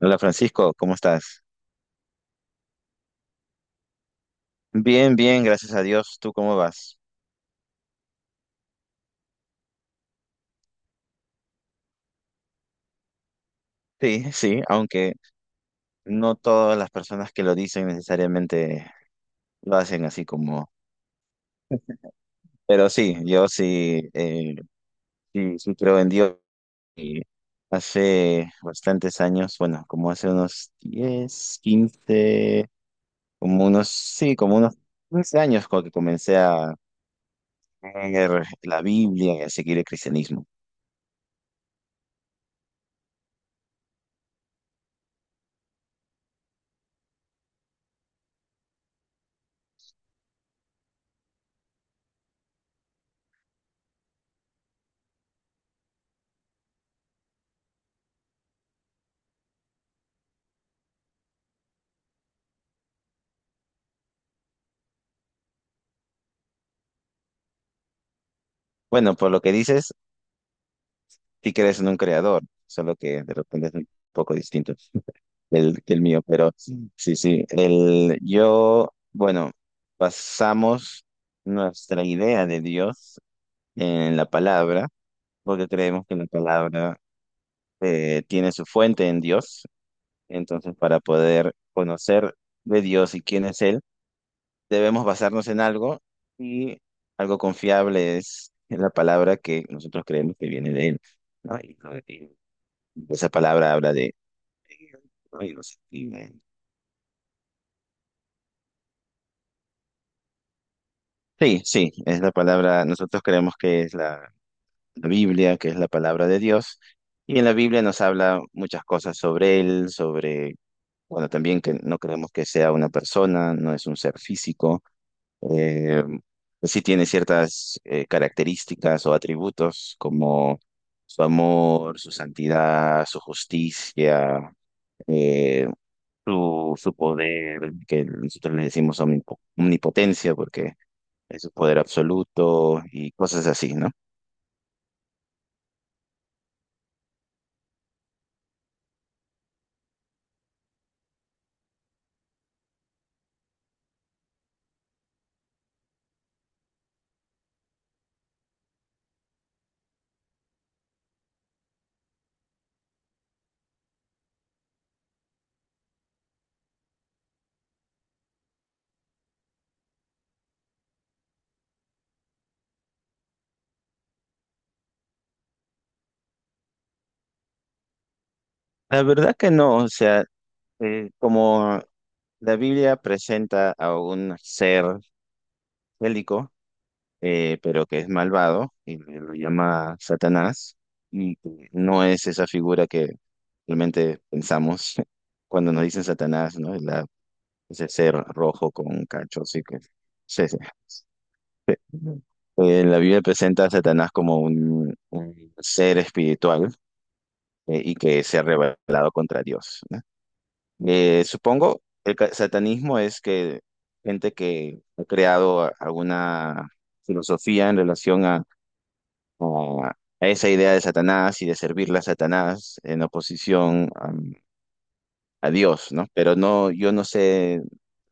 Hola Francisco, ¿cómo estás? Bien, bien, gracias a Dios. ¿Tú cómo vas? Sí, sí, aunque no todas las personas que lo dicen necesariamente lo hacen así como... Pero sí, yo sí, sí, sí creo en Dios. Y hace bastantes años, bueno, como hace unos 10, 15, como unos, sí, como unos 15 años cuando que comencé a leer la Biblia y a seguir el cristianismo. Bueno, por lo que dices, sí crees en un creador, solo que de repente es un poco distinto que el mío, pero sí, sí, el, yo, bueno, basamos nuestra idea de Dios en la palabra, porque creemos que la palabra tiene su fuente en Dios, entonces para poder conocer de Dios y quién es Él, debemos basarnos en algo y algo confiable es la palabra que nosotros creemos que viene de Él, ¿no? Y- Esa palabra habla de... Ay, no sé. Sí, sí, es la palabra, nosotros creemos que es la Biblia, que es la palabra de Dios, y en la Biblia nos habla muchas cosas sobre Él, sobre, bueno, también que no creemos que sea una persona, no es un ser físico, eh, sí tiene ciertas características o atributos como su amor, su santidad, su justicia, eh, su poder, que nosotros le decimos omnipotencia, porque es su poder absoluto y cosas así, ¿no? La verdad que no, o sea, como la Biblia presenta a un ser bélico, pero que es malvado y lo llama Satanás, y que no es esa figura que realmente pensamos cuando nos dicen Satanás, ¿no? Ese ser rojo con cachos y que... sí, sí. La Biblia presenta a Satanás como un ser espiritual y que se ha rebelado contra Dios, ¿no? Supongo el satanismo es que gente que ha creado alguna filosofía en relación a, a- a esa idea de Satanás y de servirle a Satanás en oposición a Dios, ¿no? Pero no, yo no sé,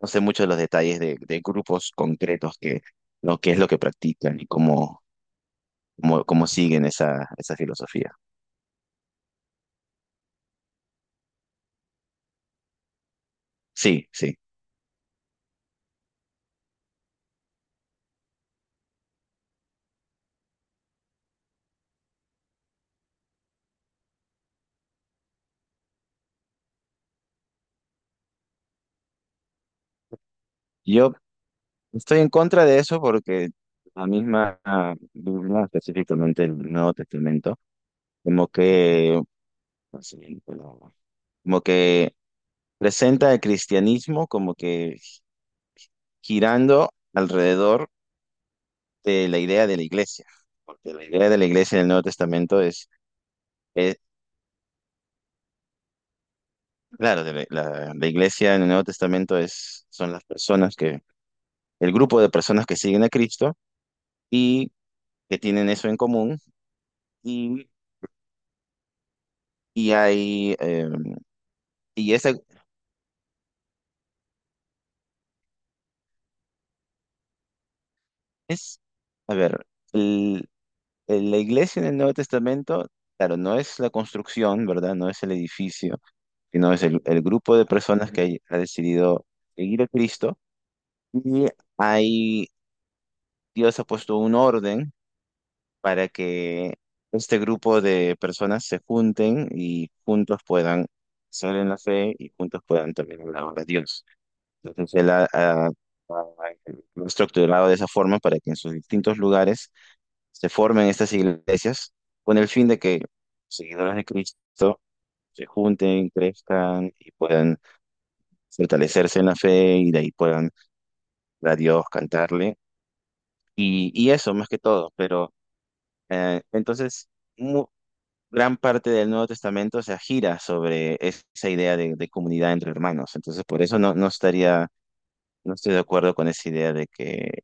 no sé mucho de los detalles de grupos concretos que lo que es lo que practican y cómo, cómo siguen esa, esa filosofía. Sí, sí. Yo estoy en contra de eso porque la misma Biblia, específicamente el Nuevo Testamento, como que, así, como como que presenta el cristianismo como que girando alrededor de la idea de la iglesia. Porque la idea de la iglesia en el Nuevo Testamento es, es- claro, de la iglesia en el Nuevo Testamento es, son las personas que, el grupo de personas que siguen a Cristo y que tienen eso en común y, y hay... y ese... Es, a ver, el- la iglesia en el Nuevo Testamento, claro, no es la construcción, ¿verdad? No es el edificio, sino es el grupo de personas que ha decidido seguir a Cristo. Y ahí Dios ha puesto un orden para que este grupo de personas se junten y juntos puedan ser en la fe y juntos puedan también hablar de Dios. Entonces, Él lo ha estructurado de esa forma para que en sus distintos lugares se formen estas iglesias con el fin de que los seguidores de Cristo se junten, crezcan y puedan fortalecerse en la fe y de ahí puedan ver a Dios, cantarle y eso más que todo. Pero entonces, mu- gran parte del Nuevo Testamento se gira sobre esa idea de comunidad entre hermanos. Entonces, por eso no, no estaría, no estoy de acuerdo con esa idea de que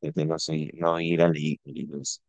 de no, no ir a la iglesia.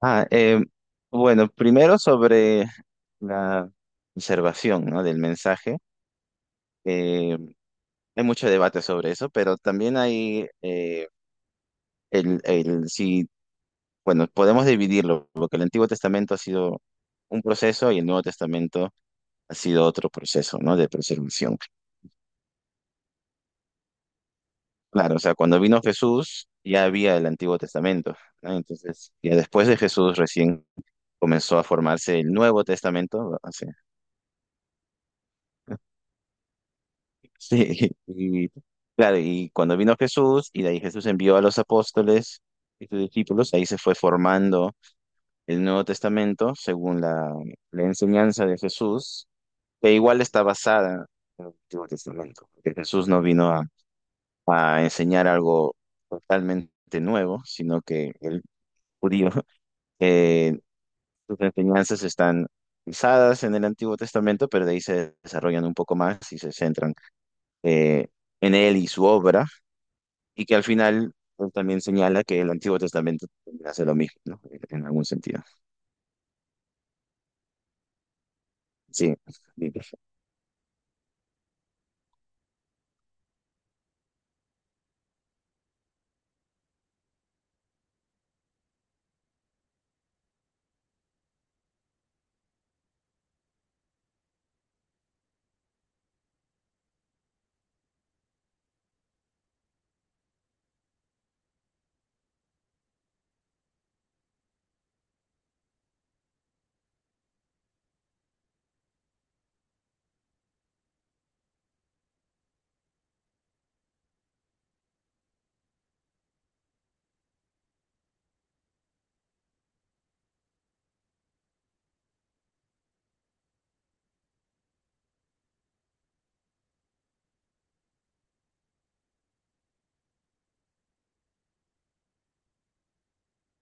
Ah, bueno, primero sobre la observación, ¿no? Del mensaje. Eh, Hay mucho debate sobre eso, pero también hay el si, bueno, podemos dividirlo, porque el Antiguo Testamento ha sido un proceso y el Nuevo Testamento ha sido otro proceso, ¿no? De preservación. Claro, o sea, cuando vino Jesús ya había el Antiguo Testamento, ¿no? Entonces, ya después de Jesús recién comenzó a formarse el Nuevo Testamento, o sea, sí, y claro, y cuando vino Jesús, y de ahí Jesús envió a los apóstoles y sus discípulos, ahí se fue formando el Nuevo Testamento según la enseñanza de Jesús, que igual está basada en el Antiguo Testamento, porque Jesús no vino a enseñar algo totalmente nuevo, sino que el judío, eh, sus enseñanzas están basadas en el Antiguo Testamento, pero de ahí se desarrollan un poco más y se centran eh, en él y su obra. Y que al final pues, también señala que el Antiguo Testamento también hace lo mismo, ¿no? En algún sentido. Sí. Y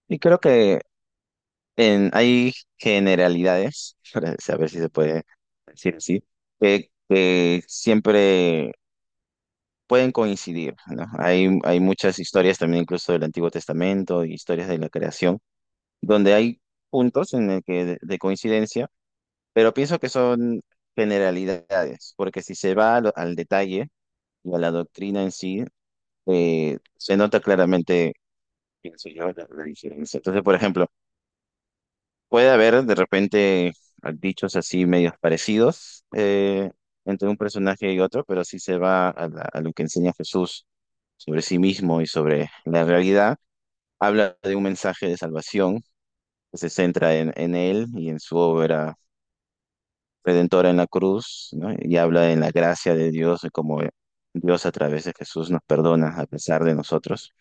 y creo que en, hay generalidades, para saber si se puede decir así, que siempre pueden coincidir, ¿no? Hay muchas historias también incluso del Antiguo Testamento, historias de la creación, donde hay puntos en el que de coincidencia, pero pienso que son generalidades, porque si se va a al detalle y a la doctrina en sí, se nota claramente, pienso yo, la diferencia. Entonces, por ejemplo, puede haber de repente dichos así medios parecidos entre un personaje y otro, pero si se va a, a lo que enseña Jesús sobre sí mismo y sobre la realidad, habla de un mensaje de salvación que se centra en él y en su obra redentora en la cruz, ¿no? Y habla en la gracia de Dios, de cómo Dios a través de Jesús nos perdona a pesar de nosotros,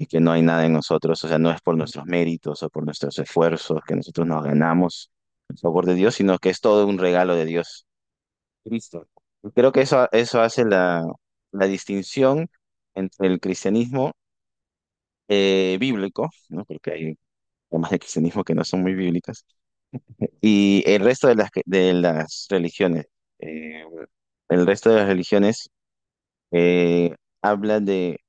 y que no hay nada en nosotros, o sea, no es por nuestros méritos o por nuestros esfuerzos que nosotros nos ganamos el favor de Dios, sino que es todo un regalo de Dios. Cristo. Y creo que eso hace la distinción entre el cristianismo bíblico, ¿no? Porque hay formas de cristianismo que no son muy bíblicas, y el resto de de las religiones. Eh, el resto de las religiones eh, habla de...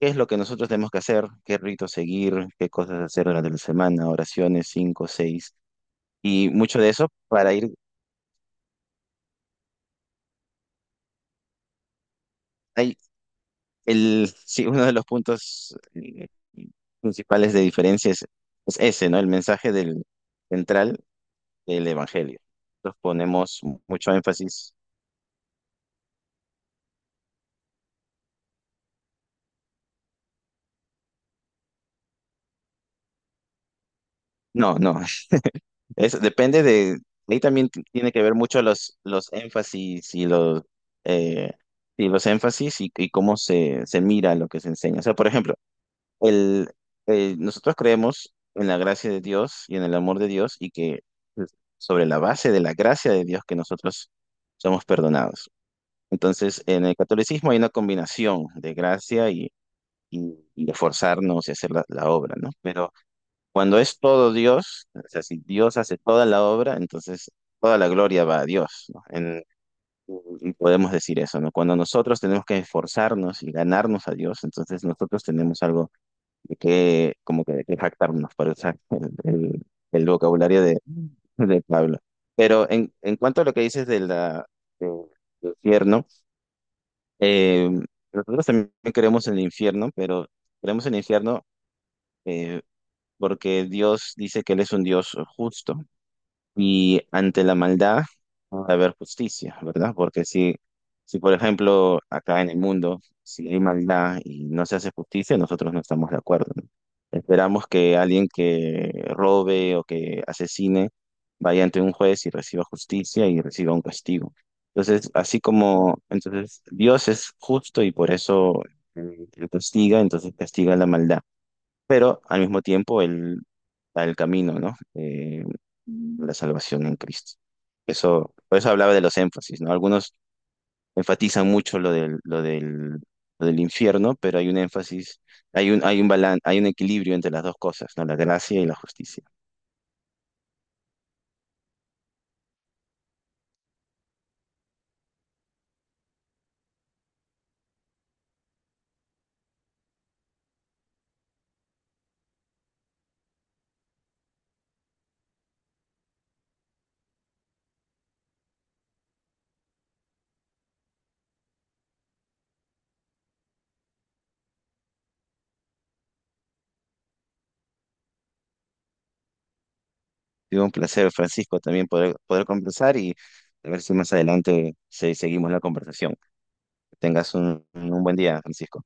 ¿Qué es lo que nosotros tenemos que hacer? ¿Qué rito seguir? ¿Qué cosas hacer durante la semana? Oraciones, cinco, seis. Y mucho de eso para ir... Hay el, sí, uno de los puntos principales de diferencia es ese, ¿no? El mensaje del central del Evangelio. Nosotros ponemos mucho énfasis. No, no. Es, depende de... Ahí también tiene que ver mucho los énfasis eh, y los énfasis y cómo se mira lo que se enseña. O sea, por ejemplo, el, nosotros creemos en la gracia de Dios y en el amor de Dios y que pues, sobre la base de la gracia de Dios que nosotros somos perdonados. Entonces, en el catolicismo hay una combinación de gracia y esforzarnos y hacer la obra, ¿no? Pero cuando es todo Dios, o sea, si Dios hace toda la obra, entonces toda la gloria va a Dios, ¿no? Y podemos decir eso, ¿no? Cuando nosotros tenemos que esforzarnos y ganarnos a Dios, entonces nosotros tenemos algo de qué, como que de qué jactarnos, para usar el vocabulario de Pablo. Pero en cuanto a lo que dices de de- del infierno, eh, nosotros también creemos en el infierno, pero creemos en el infierno eh, porque Dios dice que Él es un Dios justo y ante la maldad ha de haber justicia, ¿verdad? Porque si, si, por ejemplo, acá en el mundo, si hay maldad y no se hace justicia, nosotros no estamos de acuerdo, ¿no? Esperamos que alguien que robe o que asesine vaya ante un juez y reciba justicia y reciba un castigo. Entonces, así como, entonces, Dios es justo y por eso él castiga, entonces castiga la maldad, pero al mismo tiempo el camino, ¿no? La salvación en Cristo. Eso, por eso hablaba de los énfasis, ¿no? Algunos enfatizan mucho lo del infierno, pero hay un énfasis, hay un, hay un hay un equilibrio entre las dos cosas, ¿no? La gracia y la justicia. Ha sido un placer, Francisco, también poder, poder conversar y a ver si más adelante seguimos la conversación. Que tengas un buen día, Francisco.